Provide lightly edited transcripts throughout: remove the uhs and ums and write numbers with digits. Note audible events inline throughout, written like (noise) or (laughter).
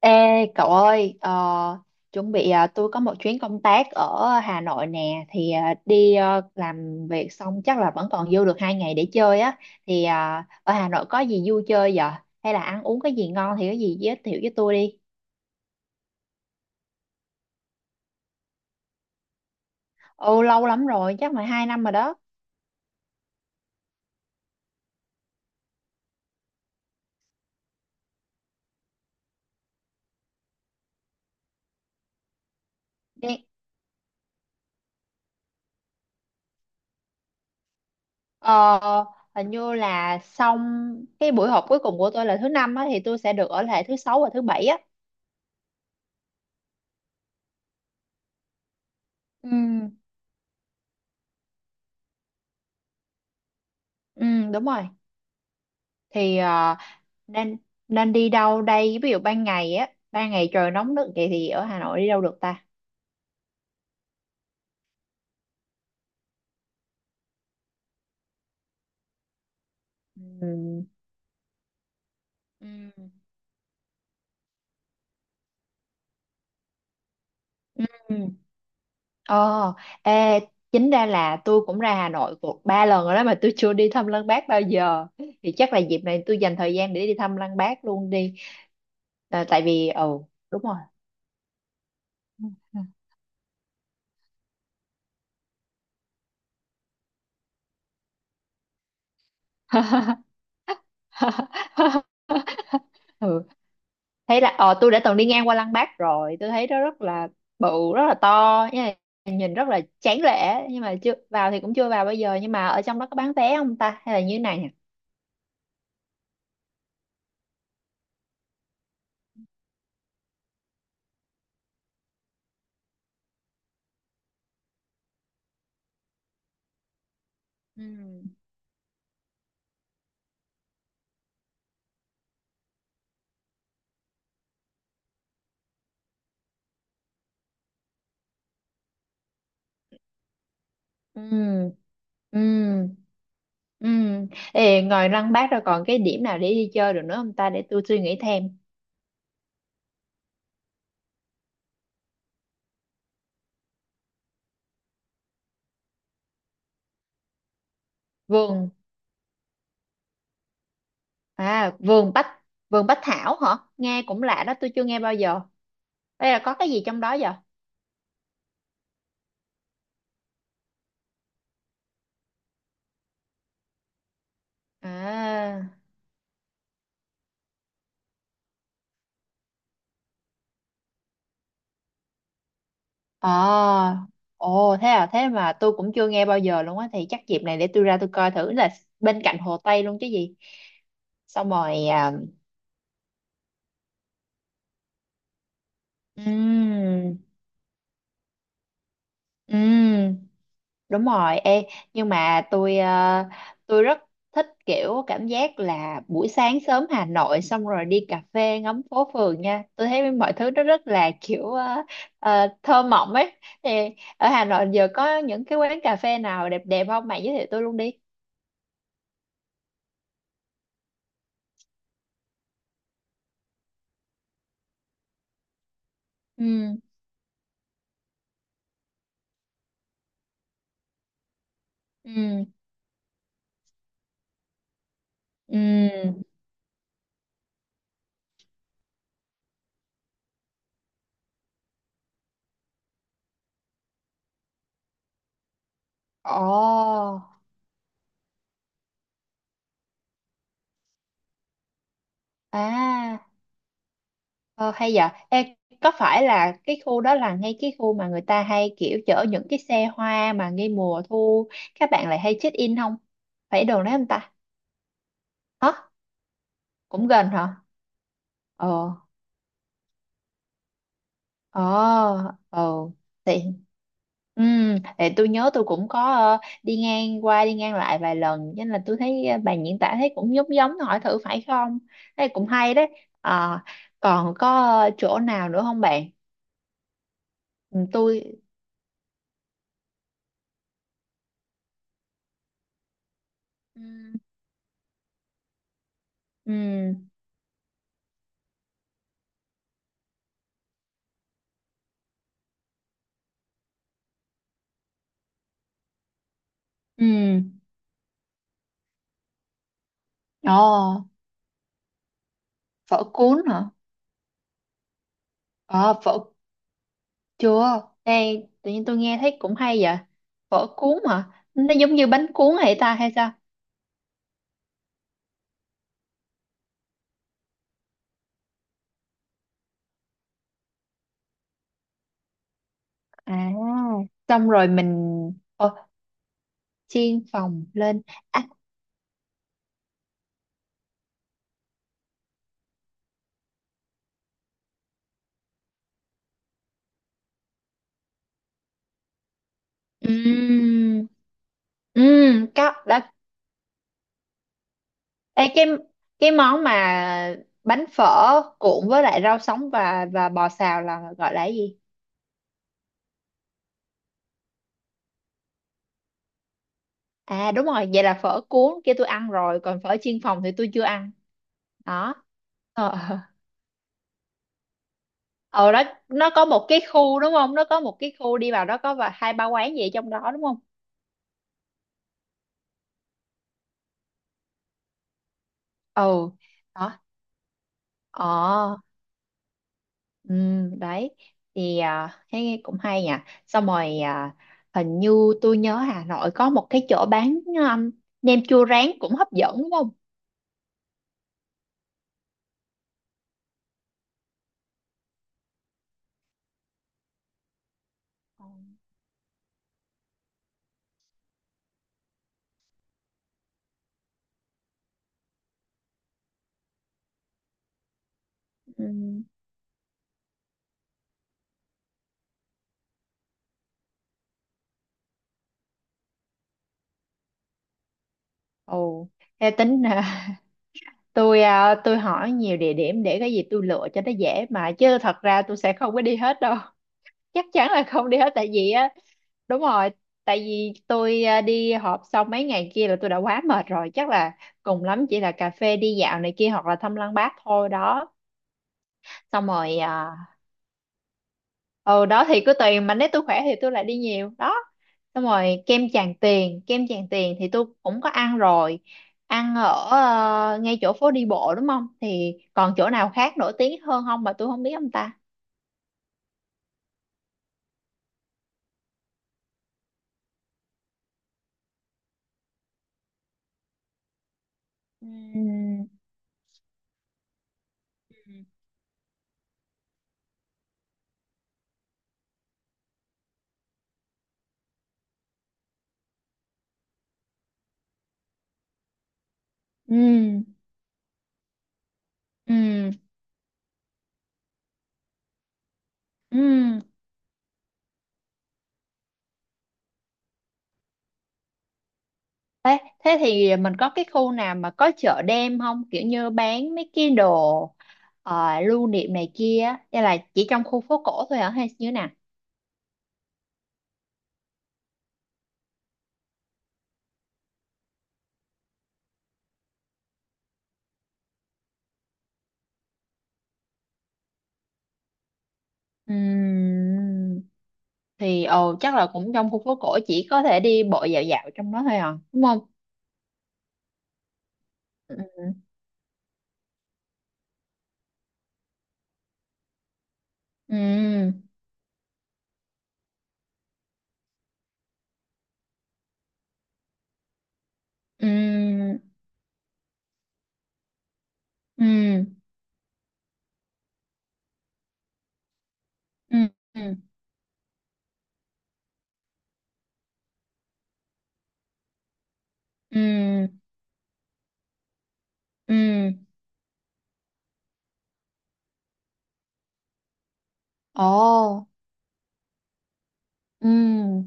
Ê cậu ơi, chuẩn bị tôi có một chuyến công tác ở Hà Nội nè, thì đi làm việc xong chắc là vẫn còn dư được 2 ngày để chơi á. Thì ở Hà Nội có gì vui chơi vậy? Hay là ăn uống cái gì ngon thì có gì giới thiệu với tôi đi. Ồ, lâu lắm rồi, chắc phải 2 năm rồi đó. Đi. Ờ, hình như là xong cái buổi họp cuối cùng của tôi là thứ năm á, thì tôi sẽ được ở lại thứ sáu và thứ bảy á. Ừ, ừ đúng rồi. Thì nên nên đi đâu đây, ví dụ ban ngày á, ban ngày trời nóng nực vậy thì ở Hà Nội đi đâu được ta? Ừm. Ừm. Ừm. Ờ. Ê, chính ra là tôi cũng ra Hà Nội cuộc 3 lần rồi đó mà tôi chưa đi thăm Lăng Bác bao giờ, thì chắc là dịp này tôi dành thời gian để đi thăm Lăng Bác luôn đi. À, tại vì ừ đúng rồi. (laughs) (laughs) Ừ, thấy là ờ tôi đã từng đi ngang qua Lăng Bác rồi, tôi thấy nó rất là bự, rất là to, nhưng mà nhìn rất là tráng lệ, nhưng mà chưa vào thì cũng chưa vào. Bây giờ nhưng mà ở trong đó có bán vé không ta hay là như thế này nhỉ? Ừ. Ừ. Ừ. Ừ. Ê, ngoài Lăng Bác rồi còn cái điểm nào để đi chơi được nữa không ta, để tôi suy nghĩ thêm. Vườn, à vườn Bách, vườn Bách Thảo hả, nghe cũng lạ đó, tôi chưa nghe bao giờ. Đây là có cái gì trong đó giờ? À. À, ồ thế à, thế mà tôi cũng chưa nghe bao giờ luôn á, thì chắc dịp này để tôi ra tôi coi thử là bên cạnh Hồ Tây luôn chứ gì. Xong rồi ừm, ừm, đúng rồi. Ê, nhưng mà tôi tôi rất thích kiểu cảm giác là buổi sáng sớm Hà Nội xong rồi đi cà phê ngắm phố phường nha. Tôi thấy mọi thứ nó rất là kiểu thơ mộng ấy. Thì ở Hà Nội giờ có những cái quán cà phê nào đẹp đẹp không? Bạn giới thiệu tôi luôn đi. Ừ. Ừ. Ừ. Ồ. À, ờ, hay vậy. Ê, có phải là cái khu đó là ngay cái khu mà người ta hay kiểu chở những cái xe hoa mà ngay mùa thu các bạn lại hay check in không? Phải đồ đấy không ta? Hả? Cũng gần hả? Ờ. Ờ. Ờ. Thì ừ, thì tôi nhớ tôi cũng có đi ngang qua đi ngang lại vài lần, cho nên là tôi thấy ờ, bạn diễn tả thấy cũng giống giống hỏi thử phải không? Thế cũng hay đấy. Ờ, còn có chỗ nào nữa không bạn? Ừ, tôi. Ừ. Ừ. Ừ. Ồ. Phở cuốn hả? Ờ phở, chưa, đây tự nhiên tôi nghe thấy cũng hay vậy. Phở cuốn hả, nó giống như bánh cuốn hay ta, hay sao? À, xong rồi mình, ồ, chiên phồng lên. À. Ừm. Ừm, có đã. Ê, cái món mà bánh phở cuộn với lại rau sống và bò xào là gọi là cái gì? À đúng rồi, vậy là phở cuốn kia tôi ăn rồi, còn phở chiên phòng thì tôi chưa ăn. Đó. Ờ, ờ, ờ, đó, nó có một cái khu đúng không? Nó có một cái khu đi vào đó có và hai ba quán gì ở trong đó đúng không? Ừ. Đó. Ờ, ừ, đấy. Thì à, thấy cũng hay nhỉ. Xong rồi à, hình như tôi nhớ Hà Nội có một cái chỗ bán nem chua rán cũng hấp dẫn đúng không? Ừ. Ồ, theo tính (laughs) tôi tôi hỏi nhiều địa điểm để cái gì tôi lựa cho nó dễ mà, chứ thật ra tôi sẽ không có đi hết đâu. (laughs) Chắc chắn là không đi hết tại vì á, đúng rồi, tại vì tôi đi họp xong mấy ngày kia là tôi đã quá mệt rồi, chắc là cùng lắm chỉ là cà phê đi dạo này kia hoặc là thăm lăng Bác thôi đó. Xong rồi ừ đó, thì cứ tùy, mà nếu tôi khỏe thì tôi lại đi nhiều đó. Xong rồi kem Tràng Tiền, kem Tràng Tiền thì tôi cũng có ăn rồi, ăn ở ngay chỗ phố đi bộ đúng không, thì còn chỗ nào khác nổi tiếng hơn không mà tôi không biết không ta? Ừm. Ừ. Ừm, ừm, ừm. Ê, thế thì mình có cái khu nào mà có chợ đêm không, kiểu như bán mấy cái đồ lưu niệm này kia, hay là chỉ trong khu phố cổ thôi hả, hay như thế nào? Ừm. Thì ồ chắc là cũng trong khu phố cổ, chỉ có thể đi bộ dạo dạo trong đó thôi à đúng không? Ừ. Ừ. Ừ. Ừ. Ừ. Ừ. Ừ. Ừ. Ồ. Ừ,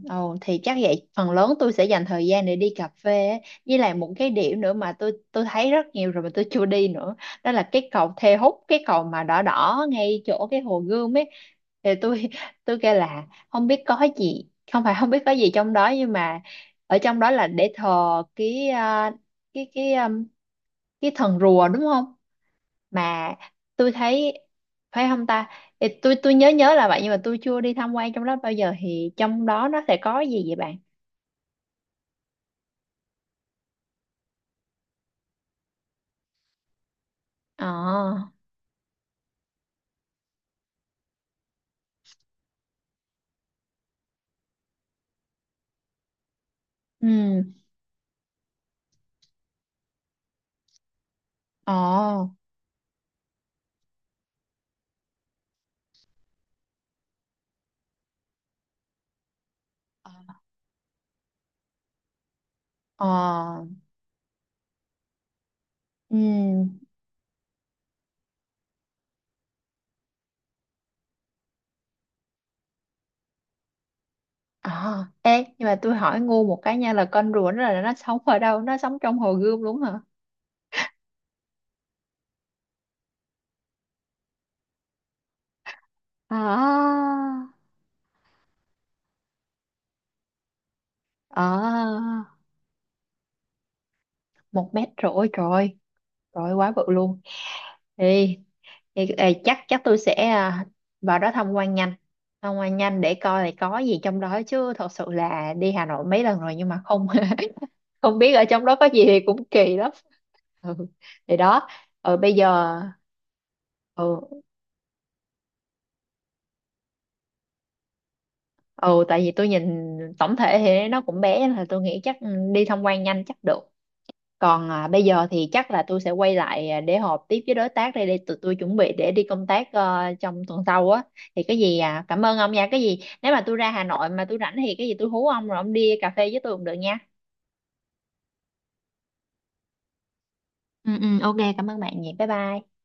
ồ, thì chắc vậy phần lớn tôi sẽ dành thời gian để đi cà phê ấy. Với lại một cái điểm nữa mà tôi thấy rất nhiều rồi mà tôi chưa đi nữa, đó là cái cầu Thê Húc, cái cầu mà đỏ đỏ ngay chỗ cái hồ Gươm ấy, thì tôi (laughs) tôi kêu là không biết có gì, không phải, không biết có gì trong đó, nhưng mà ở trong đó là để thờ cái cái cái thần rùa đúng không mà tôi thấy, phải không ta? Thì tôi nhớ nhớ là vậy, nhưng mà tôi chưa đi tham quan trong đó bao giờ, thì trong đó nó sẽ có gì vậy bạn? Ờ. Ừ. Ờ. Ờ. Ừ. Ờ. Ê, nhưng mà tôi hỏi ngu một cái nha, là con rùa nó là nó sống ở đâu, nó sống trong hồ Gươm đúng hả? À. À, 1 mét rưỡi trời, trời quá bự luôn đi. Thì, ê, chắc chắc tôi sẽ vào đó tham quan nhanh, tham quan nhanh để coi là có gì trong đó, chứ thật sự là đi Hà Nội mấy lần rồi nhưng mà không (laughs) không biết ở trong đó có gì thì cũng kỳ lắm. Ừ. Thì đó. Ừ, bây giờ ừ, ừ tại vì tôi nhìn tổng thể thì nó cũng bé, nên là tôi nghĩ chắc ừ, đi tham quan nhanh chắc được. Còn bây giờ thì chắc là tôi sẽ quay lại để họp tiếp với đối tác đây, để tụi tôi chuẩn bị để đi công tác trong tuần sau á. Thì cái gì à, cảm ơn ông nha. Cái gì nếu mà tôi ra Hà Nội mà tôi rảnh thì cái gì tôi hú ông rồi ông đi cà phê với tôi cũng được nha. Ừ, ừ, ok cảm ơn bạn nhiều. Bye bye.